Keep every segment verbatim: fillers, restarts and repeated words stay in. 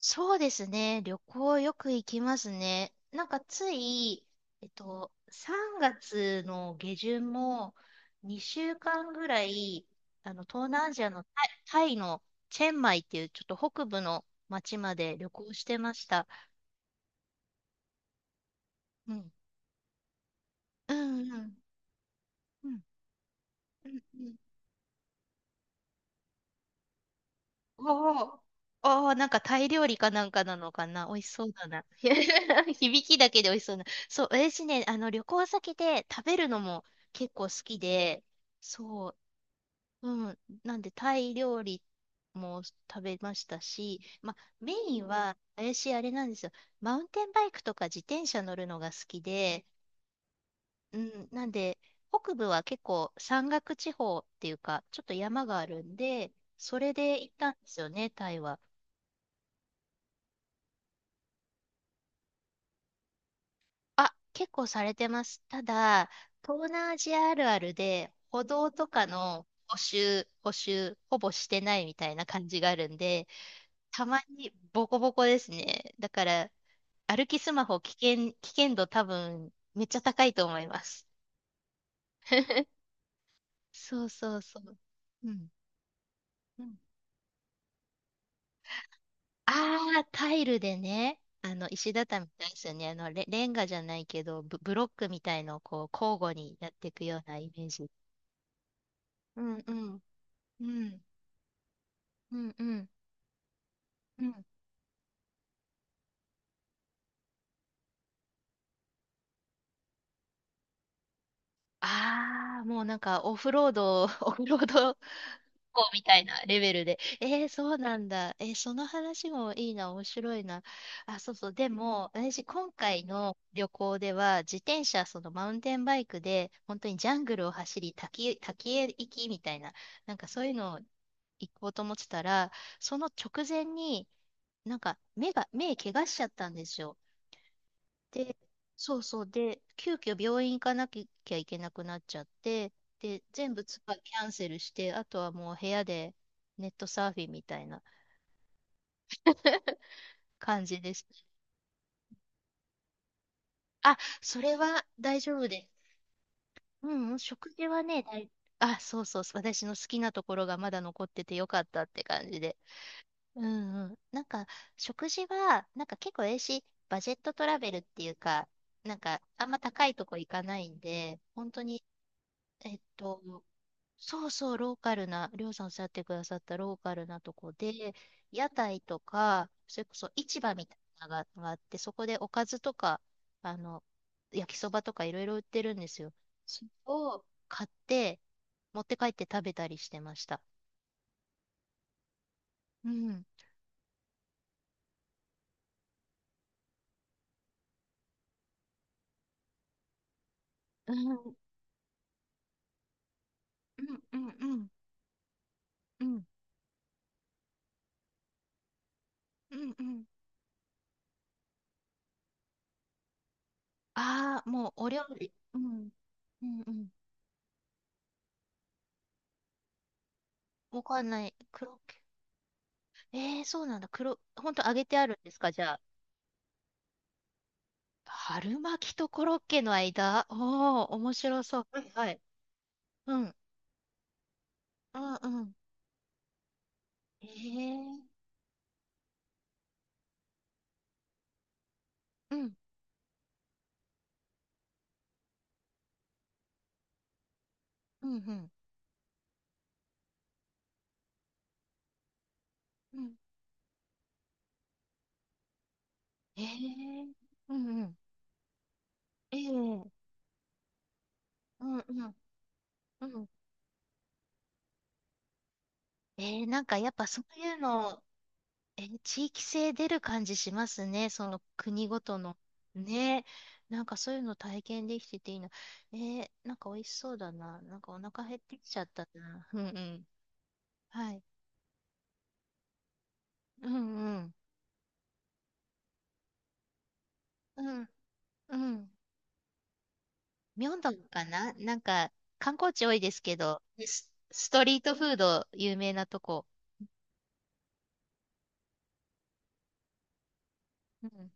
そうですね。旅行よく行きますね。なんかつい、えっと、さんがつの下旬もにしゅうかんぐらい、あの、東南アジアのタイ、タイの、チェンマイっていうちょっと北部の町まで旅行してました。うん。うんうんうん。うんうん。おー、おー、なんかタイ料理かなんかなのかな。美味しそうだな。響きだけで美味しそうな。そう、私ね、あの、旅行先で食べるのも結構好きで、そう、うん。なんで、タイ料理も食べましたし、ま、メインは、私、あれなんですよ。マウンテンバイクとか自転車乗るのが好きで、うん。なんで、北部は結構山岳地方っていうか、ちょっと山があるんで、それで行ったんですよね、タイは。あ、結構されてます。ただ、東南アジアあるあるで、歩道とかの補修、補修、ほぼしてないみたいな感じがあるんで、たまにボコボコですね。だから、歩きスマホ危険、危険度多分、めっちゃ高いと思います。そうそうそう。うんうん。ああ、タイルでね、あの、石畳みたいですよね。あの、レ、レンガじゃないけど、ブ、ブロックみたいのをこう、交互にやっていくようなイメージ。うんうん。うん。うんうんうん。ああ、もうなんかオフロード、オフロードこうみたいなレベルで。えー、そうなんだ。えー、その話もいいな、面白いな。あ、そうそう。でも、私、今回の旅行では、自転車、そのマウンテンバイクで、本当にジャングルを走り、滝、滝へ行きみたいな、なんかそういうのを行こうと思ってたら、その直前に、なんか目が、目怪我しちゃったんですよ。で、そうそう。で、急遽病院行かなきゃいけなくなっちゃって、で、全部ツアーキャンセルして、あとはもう部屋でネットサーフィンみたいな 感じです。あ、それは大丈夫です。うんうん、食事はね、大。あ、そうそう、私の好きなところがまだ残っててよかったって感じで。うんうん。なんか、食事は、なんか結構ええし、バジェットトラベルっていうか、なんか、あんま高いとこ行かないんで、本当に、えっと、そうそう、ローカルな、りょうさんおっしゃってくださったローカルなとこで、屋台とか、それこそ市場みたいなのががあって、そこでおかずとか、あの、焼きそばとかいろいろ売ってるんですよ。それを買って、持って帰って食べたりしてました。うん。うん、うん、うん、うん、うん、うん、うん。ああ、もうお料理。うん、うん、うん。わかんない。黒。えー、そうなんだ。黒、ほんと揚げてあるんですか、じゃあ。春巻きとコロッケの間、おお、面白そう。はいはい。うんうんうん。えー。うん。うんうん。うん。えー。うんうん。えー。うんうんうん。ええ。うんうんうんうん、ええ。うんうん、ええ。うんうんうん、ええ、なんかやっぱそういうの、えー、地域性出る感じしますね。その国ごとの。ね。なんかそういうの体験できてていいな。ええ、なんか美味しそうだな。なんかお腹減ってきちゃったな。うんうん。はい。うんうん。うんうん。明洞かな、なんか、観光地多いですけど、ス、ストリートフード有名なとこ。うん。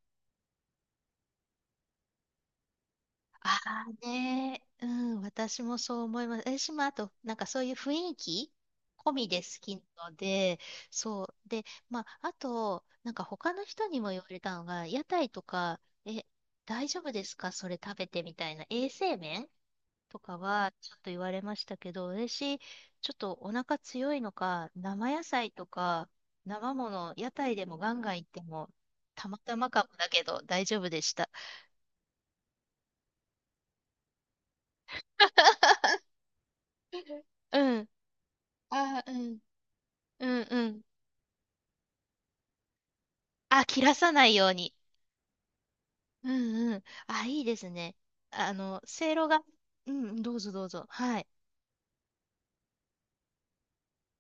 ああね、うん、私もそう思います。私もあと、なんかそういう雰囲気込みで好きなので、そう。で、まあ、あと、なんか他の人にも言われたのが、屋台とか、え、大丈夫ですかそれ食べてみたいな。衛生面とかはちょっと言われましたけど、私、ちょっとお腹強いのか、生野菜とか、生もの、屋台でもガンガン行っても、たまたまかもだけど大丈夫でした。うん。あ、うんうんうん。あ、切らさないように。うんうん。あ、いいですね。あの、せいろが、うん、どうぞどうぞ。はい。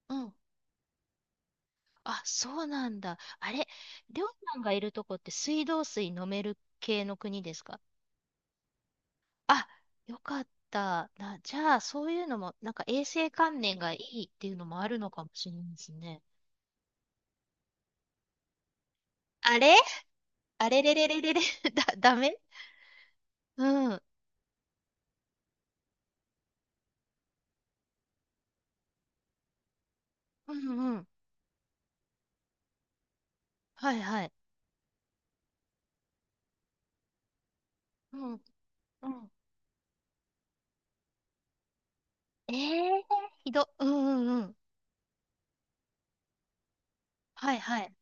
うん。あ、そうなんだ。あれ、りょうさんがいるとこって水道水飲める系の国ですか？あ、よかった。な、じゃあ、そういうのも、なんか衛生観念がいいっていうのもあるのかもしれないですね。あれ、あれれれれれれ、だ、ダメ。うん。うんうん。はいはい。うんうん。ええ、ー、ひど。うんうんうん。はいはい。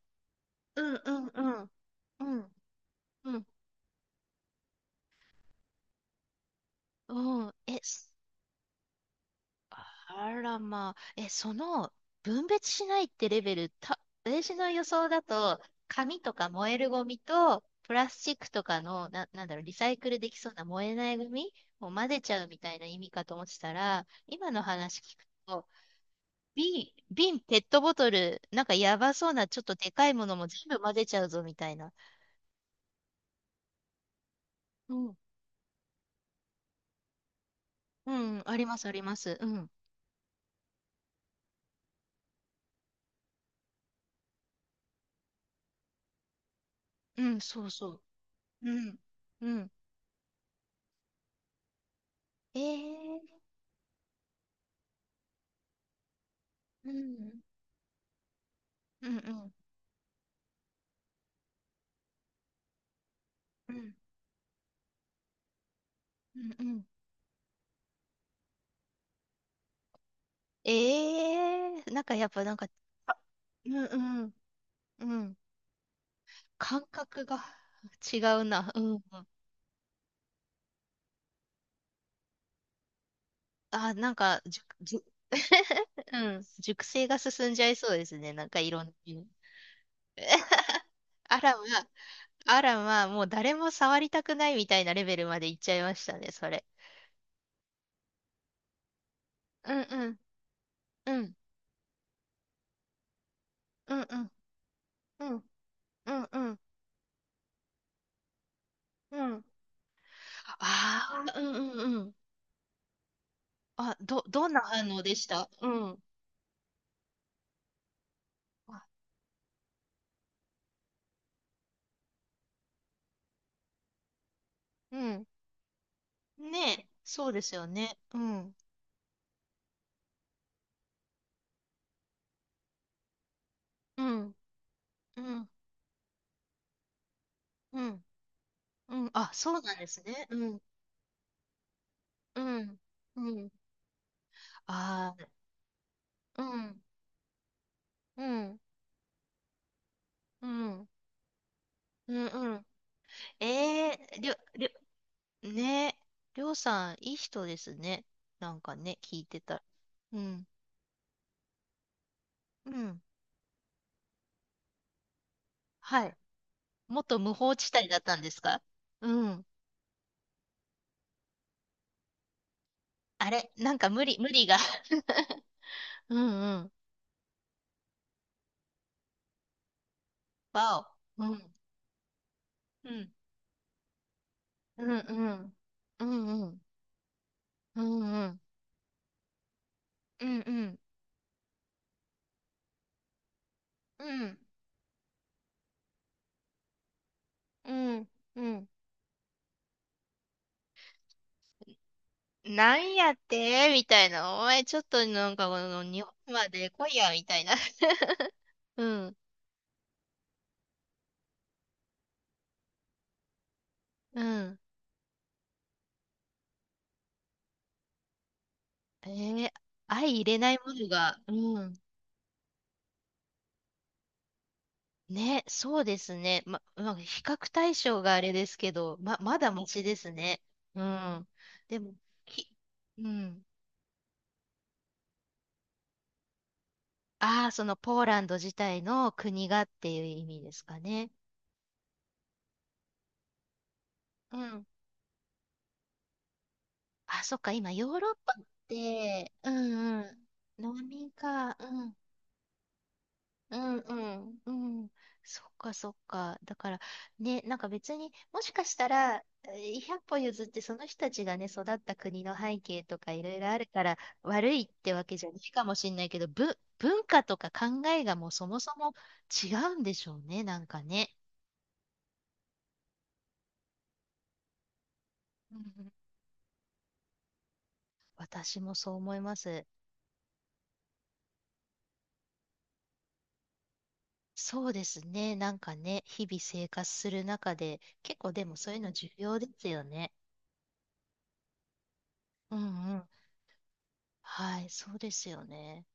うんうんうん。うんうん。うん。え、あらまあ、え、その分別しないってレベル、た、私の予想だと、紙とか燃えるゴミと、プラスチックとかの、な、なんだろう、リサイクルできそうな燃えないゴミを混ぜちゃうみたいな意味かと思ってたら、今の話聞くと、瓶、瓶、ペットボトル、なんかやばそうな、ちょっとでかいものも全部混ぜちゃうぞみたいな。うん、うん、あります、あります。うん、うん、そうそう。うん、うん。えー、うん、うん、うん。うんうんうん。ええ、なんかやっぱなんか、あ、うんうん、うん。感覚が違うな。うんうん。あ、なんか、じゅ、じゅ、うん。熟成が進んじゃいそうですね。なんかいろんな。あらま、あらま、もう誰も触りたくないみたいなレベルまでいっちゃいましたね、それ。うんうん、うん、うん、うん、うん、うん、うん、うん。ああ、うんうんうん。あ、ど、どんな反応でした？うん。あ、うん。ねえ、そうですよね。うん、うん、うん、うん、うん。あ、そうなんですね。うん、うん、うん。ああ、うん、うん、うん、うん、うん。ええ、りょ、りょ、ねえ、りょうさん、いい人ですね。なんかね、聞いてたら。うん、うん。はい。元無法地帯だったんですか？うん。あれ、なんか無理、無理が。うんうん。わお。うん。うん。うんうん。うんうん。うんうん。うんうん。うん、うん、うん。なんやってみたいな。お前ちょっとなんかこの日本まで来いや、みたいな。うん、うん。えー、相入れないものが、うん。ね、そうですね。ま、まあ、比較対象があれですけど、ま、まだマシですね。うん。でも、き、うん。ああ、そのポーランド自体の国がっていう意味ですかね。うん、あ、そっか、今、ヨーロッパって、うんうん、飲みか、うん、うんうんうん、そっかそっか。だから、ね、なんか別に、もしかしたら、えー、ひゃっぽ歩譲ってその人たちがね、育った国の背景とかいろいろあるから、悪いってわけじゃないかもしれないけど、ぶ、文化とか考えがもうそもそも違うんでしょうね、なんかね。うんうん、私もそう思います。そうですね。なんかね、日々生活する中で、結構でもそういうの重要ですよね。うんうん。はい、そうですよね。